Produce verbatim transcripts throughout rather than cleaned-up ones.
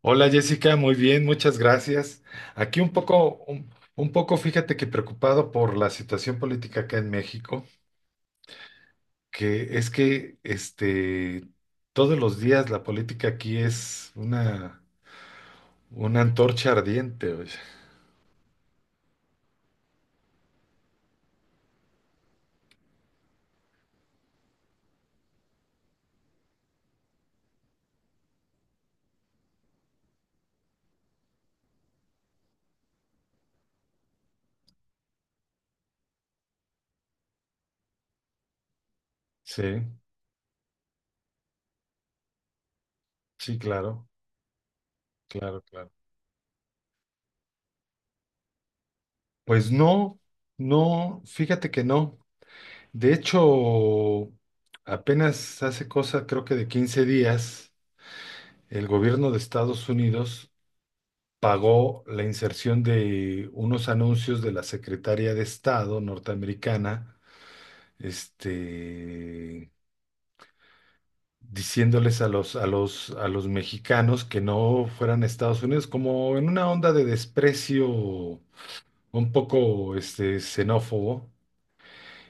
Hola Jessica, muy bien, muchas gracias. Aquí un poco, un, un poco, fíjate que preocupado por la situación política acá en México, que es que este, todos los días la política aquí es una, una antorcha ardiente, oye. Sí, sí, claro, claro, claro. Pues no, no, fíjate que no. De hecho, apenas hace cosa, creo que de quince días, el gobierno de Estados Unidos pagó la inserción de unos anuncios de la Secretaría de Estado norteamericana, este, diciéndoles a los, a los, a los mexicanos que no fueran a Estados Unidos, como en una onda de desprecio un poco este, xenófobo.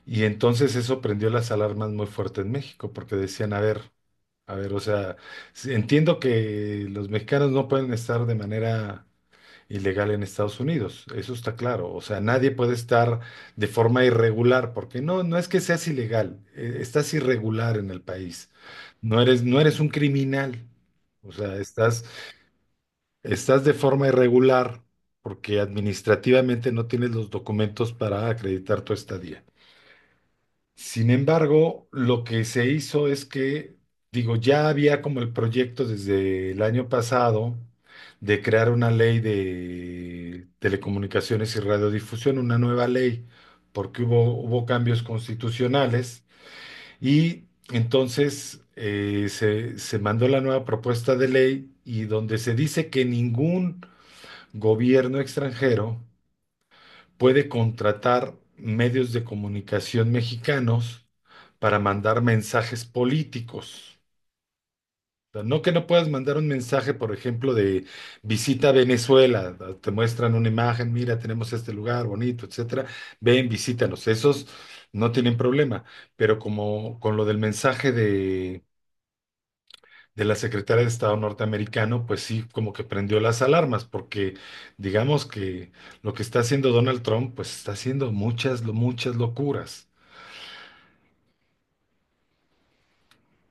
Y entonces eso prendió las alarmas muy fuerte en México, porque decían, a ver, a ver, o sea, s- entiendo que los mexicanos no pueden estar de manera ilegal en Estados Unidos, eso está claro. O sea, nadie puede estar de forma irregular, porque no, no es que seas ilegal, eh, estás irregular en el país. No eres, no eres un criminal. O sea, estás, estás de forma irregular porque administrativamente no tienes los documentos para acreditar tu estadía. Sin embargo, lo que se hizo es que, digo, ya había como el proyecto desde el año pasado de crear una ley de telecomunicaciones y radiodifusión, una nueva ley, porque hubo, hubo cambios constitucionales y entonces eh, se, se mandó la nueva propuesta de ley y donde se dice que ningún gobierno extranjero puede contratar medios de comunicación mexicanos para mandar mensajes políticos. O sea, no que no puedas mandar un mensaje, por ejemplo, de visita a Venezuela, te muestran una imagen, mira, tenemos este lugar bonito, etcétera, ven, visítanos. Esos no tienen problema, pero como con lo del mensaje de de la secretaria de Estado norteamericano, pues sí, como que prendió las alarmas, porque digamos que lo que está haciendo Donald Trump, pues está haciendo muchas, lo- muchas locuras.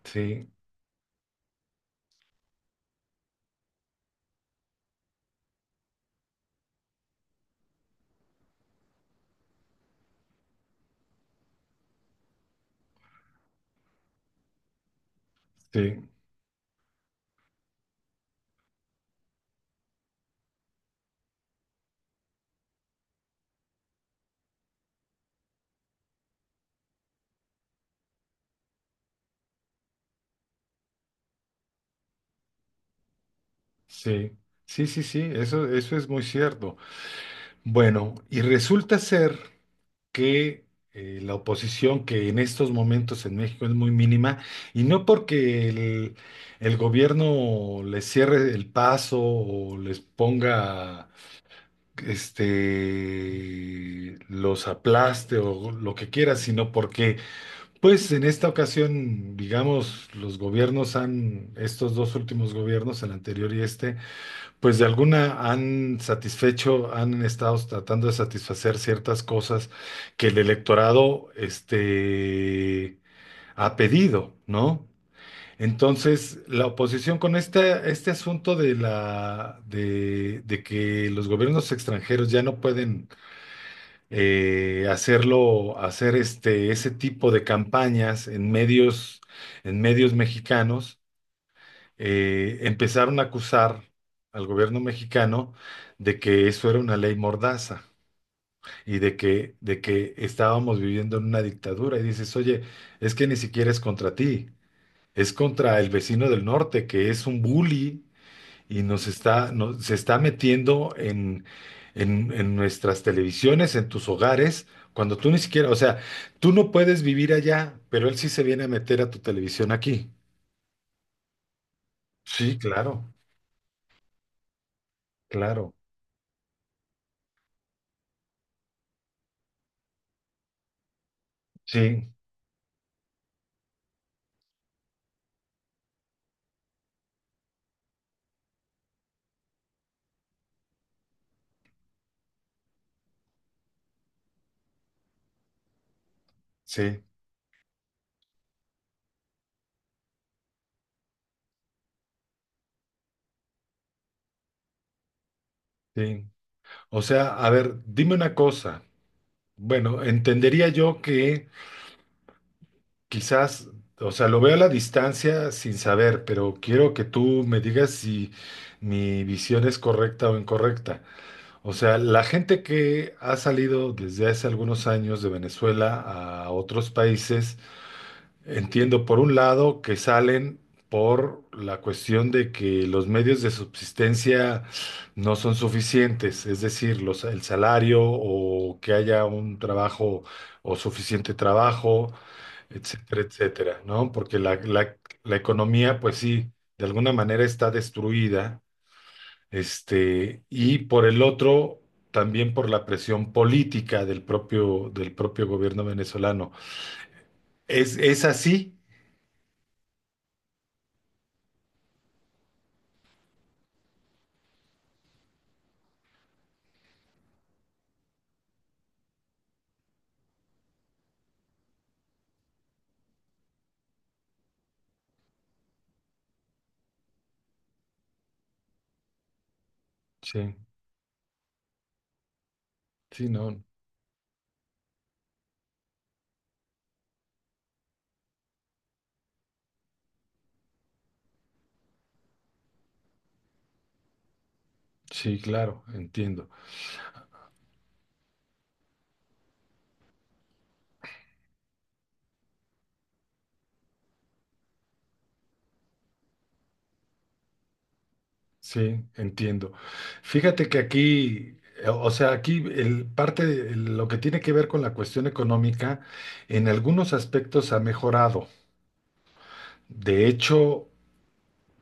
Sí, sí, sí, sí, sí, sí, eso, eso es muy cierto. Bueno, y resulta ser que eh, la oposición, que en estos momentos en México es muy mínima, y no porque el, el gobierno les cierre el paso o les ponga este, los aplaste o lo que quieras, sino porque, pues en esta ocasión, digamos, los gobiernos han, estos dos últimos gobiernos, el anterior y este, pues de alguna han satisfecho, han estado tratando de satisfacer ciertas cosas que el electorado, este, ha pedido, ¿no? Entonces, la oposición con este, este asunto de la, de de que los gobiernos extranjeros ya no pueden eh, hacerlo, hacer este, ese tipo de campañas en medios, en medios mexicanos, eh, empezaron a acusar al gobierno mexicano de que eso era una ley mordaza y de que, de que estábamos viviendo en una dictadura. Y dices, oye, es que ni siquiera es contra ti, es contra el vecino del norte, que es un bully y nos está, no- se está metiendo en, en, en nuestras televisiones, en tus hogares, cuando tú ni siquiera, o sea, tú no puedes vivir allá, pero él sí se viene a meter a tu televisión aquí. Sí, claro, claro. Sí, sí, sí. O sea, a ver, dime una cosa. Bueno, entendería yo que quizás, o sea, lo veo a la distancia sin saber, pero quiero que tú me digas si mi visión es correcta o incorrecta. O sea, la gente que ha salido desde hace algunos años de Venezuela a otros países, entiendo por un lado que salen por la cuestión de que los medios de subsistencia no son suficientes, es decir, los- el salario o que haya un trabajo o suficiente trabajo, etcétera, etcétera, ¿no? Porque la, la la economía, pues sí, de alguna manera está destruida este, y por el otro, también por la presión política del propio, del propio gobierno venezolano. ¿Es, es así? Sí, sí, no, sí, claro, entiendo, sí, entiendo. Fíjate que aquí, eh, o sea, aquí el parte de el- lo que tiene que ver con la cuestión económica, en algunos aspectos ha mejorado. De hecho,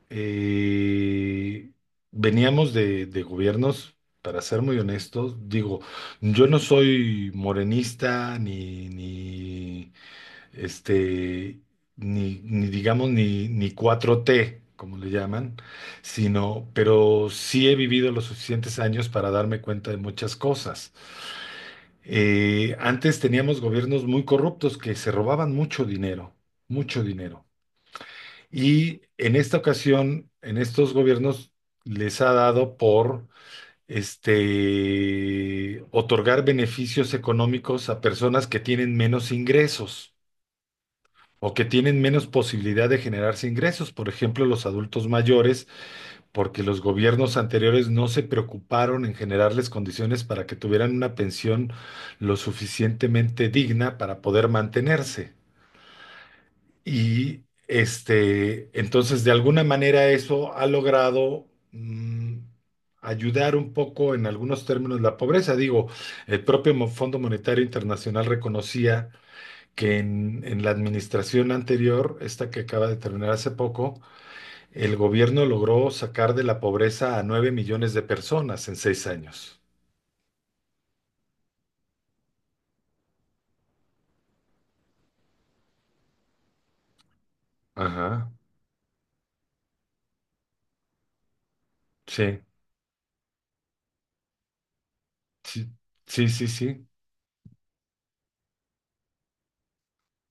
Eh, veníamos de, de gobiernos, para ser muy honestos, digo, yo no soy morenista ni, ni este, ni, ni digamos, ni, ni cuatro t como le llaman, sino, pero sí he vivido los suficientes años para darme cuenta de muchas cosas. Eh, antes teníamos gobiernos muy corruptos que se robaban mucho dinero, mucho dinero. Y en esta ocasión, en estos gobiernos, les ha dado por este, otorgar beneficios económicos a personas que tienen menos ingresos o que tienen menos posibilidad de generarse ingresos, por ejemplo, los adultos mayores, porque los gobiernos anteriores no se preocuparon en generarles condiciones para que tuvieran una pensión lo suficientemente digna para poder mantenerse. Y este, entonces, de alguna manera eso ha logrado mm, ayudar un poco en algunos términos la pobreza. Digo, el propio Mo- Fondo Monetario Internacional reconocía que en, en la administración anterior, esta que acaba de terminar hace poco, el gobierno logró sacar de la pobreza a nueve millones de personas en seis años. Ajá, sí, sí, sí, sí, sí,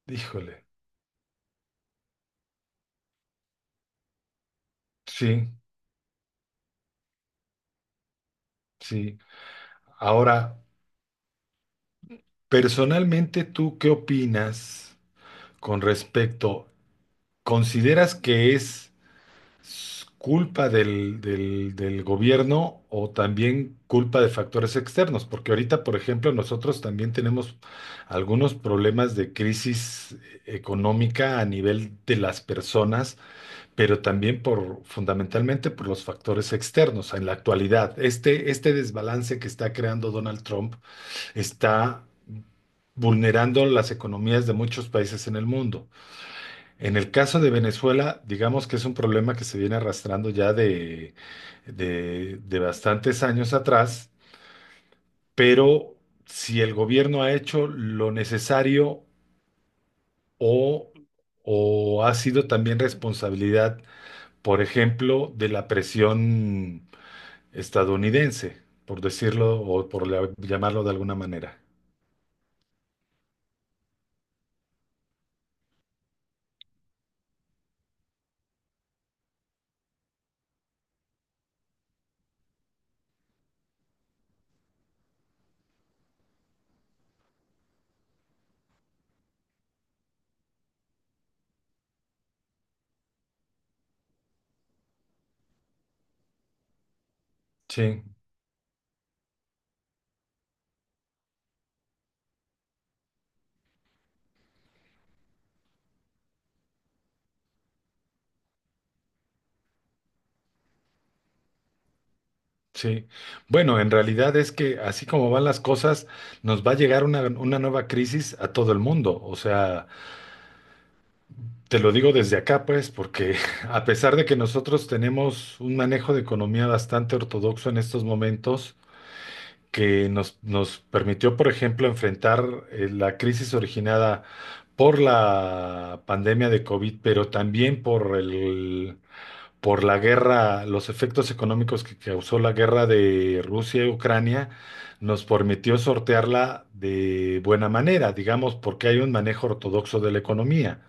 híjole, sí, sí. Ahora, personalmente, ¿tú qué opinas con respecto? ¿Consideras que es s- culpa del, del- del gobierno o también culpa de factores externos? Porque ahorita, por ejemplo, nosotros también tenemos algunos problemas de crisis económica a nivel de las personas, pero también por, fundamentalmente por los factores externos en la actualidad. Este, este desbalance que está creando Donald Trump está vulnerando las economías de muchos países en el mundo. En el caso de Venezuela, digamos que es un problema que se viene arrastrando ya de, de, de bastantes años atrás, pero si el gobierno ha hecho lo necesario o, o ha sido también responsabilidad, por ejemplo, de la presión estadounidense, por decirlo o por la- llamarlo de alguna manera. Sí. Sí, bueno, en realidad es que así como van las cosas, nos va a llegar una, una nueva crisis a todo el mundo. O sea, te lo digo desde acá, pues, porque a pesar de que nosotros tenemos un manejo de economía bastante ortodoxo en estos momentos, que nos, nos permitió, por ejemplo, enfrentar eh, la crisis originada por la pandemia de COVID, pero también por el por la guerra, los efectos económicos que causó la guerra de Rusia y Ucrania, nos permitió sortearla de buena manera, digamos, porque hay un manejo ortodoxo de la economía.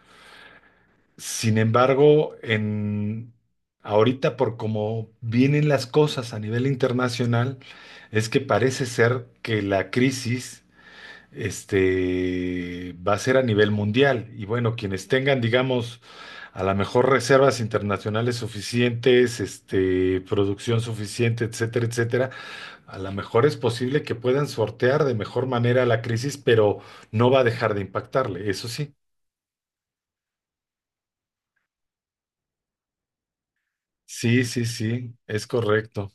Sin embargo, en ahorita por cómo vienen las cosas a nivel internacional, es que parece ser que la crisis este, va a ser a nivel mundial. Y bueno, quienes tengan, digamos, a lo mejor reservas internacionales suficientes, este, producción suficiente, etcétera, etcétera. A lo mejor es posible que puedan sortear de mejor manera la crisis, pero no va a dejar de impactarle, eso sí. Sí, sí, sí, es correcto.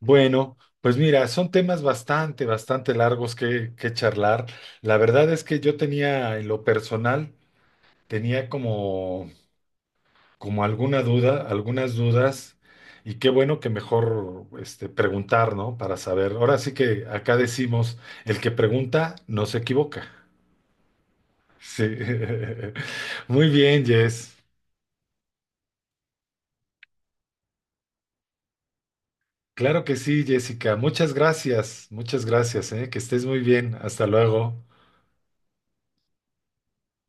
Bueno, pues mira, son temas bastante, bastante largos que, que charlar. La verdad es que yo tenía, en lo personal, tenía como como alguna duda, algunas dudas, y qué bueno que mejor este, preguntar, ¿no? Para saber. Ahora sí que acá decimos, el que pregunta no se equivoca. Sí. Muy bien, Jess. Claro que sí, Jessica. Muchas gracias, muchas gracias, ¿eh? Que estés muy bien. Hasta luego.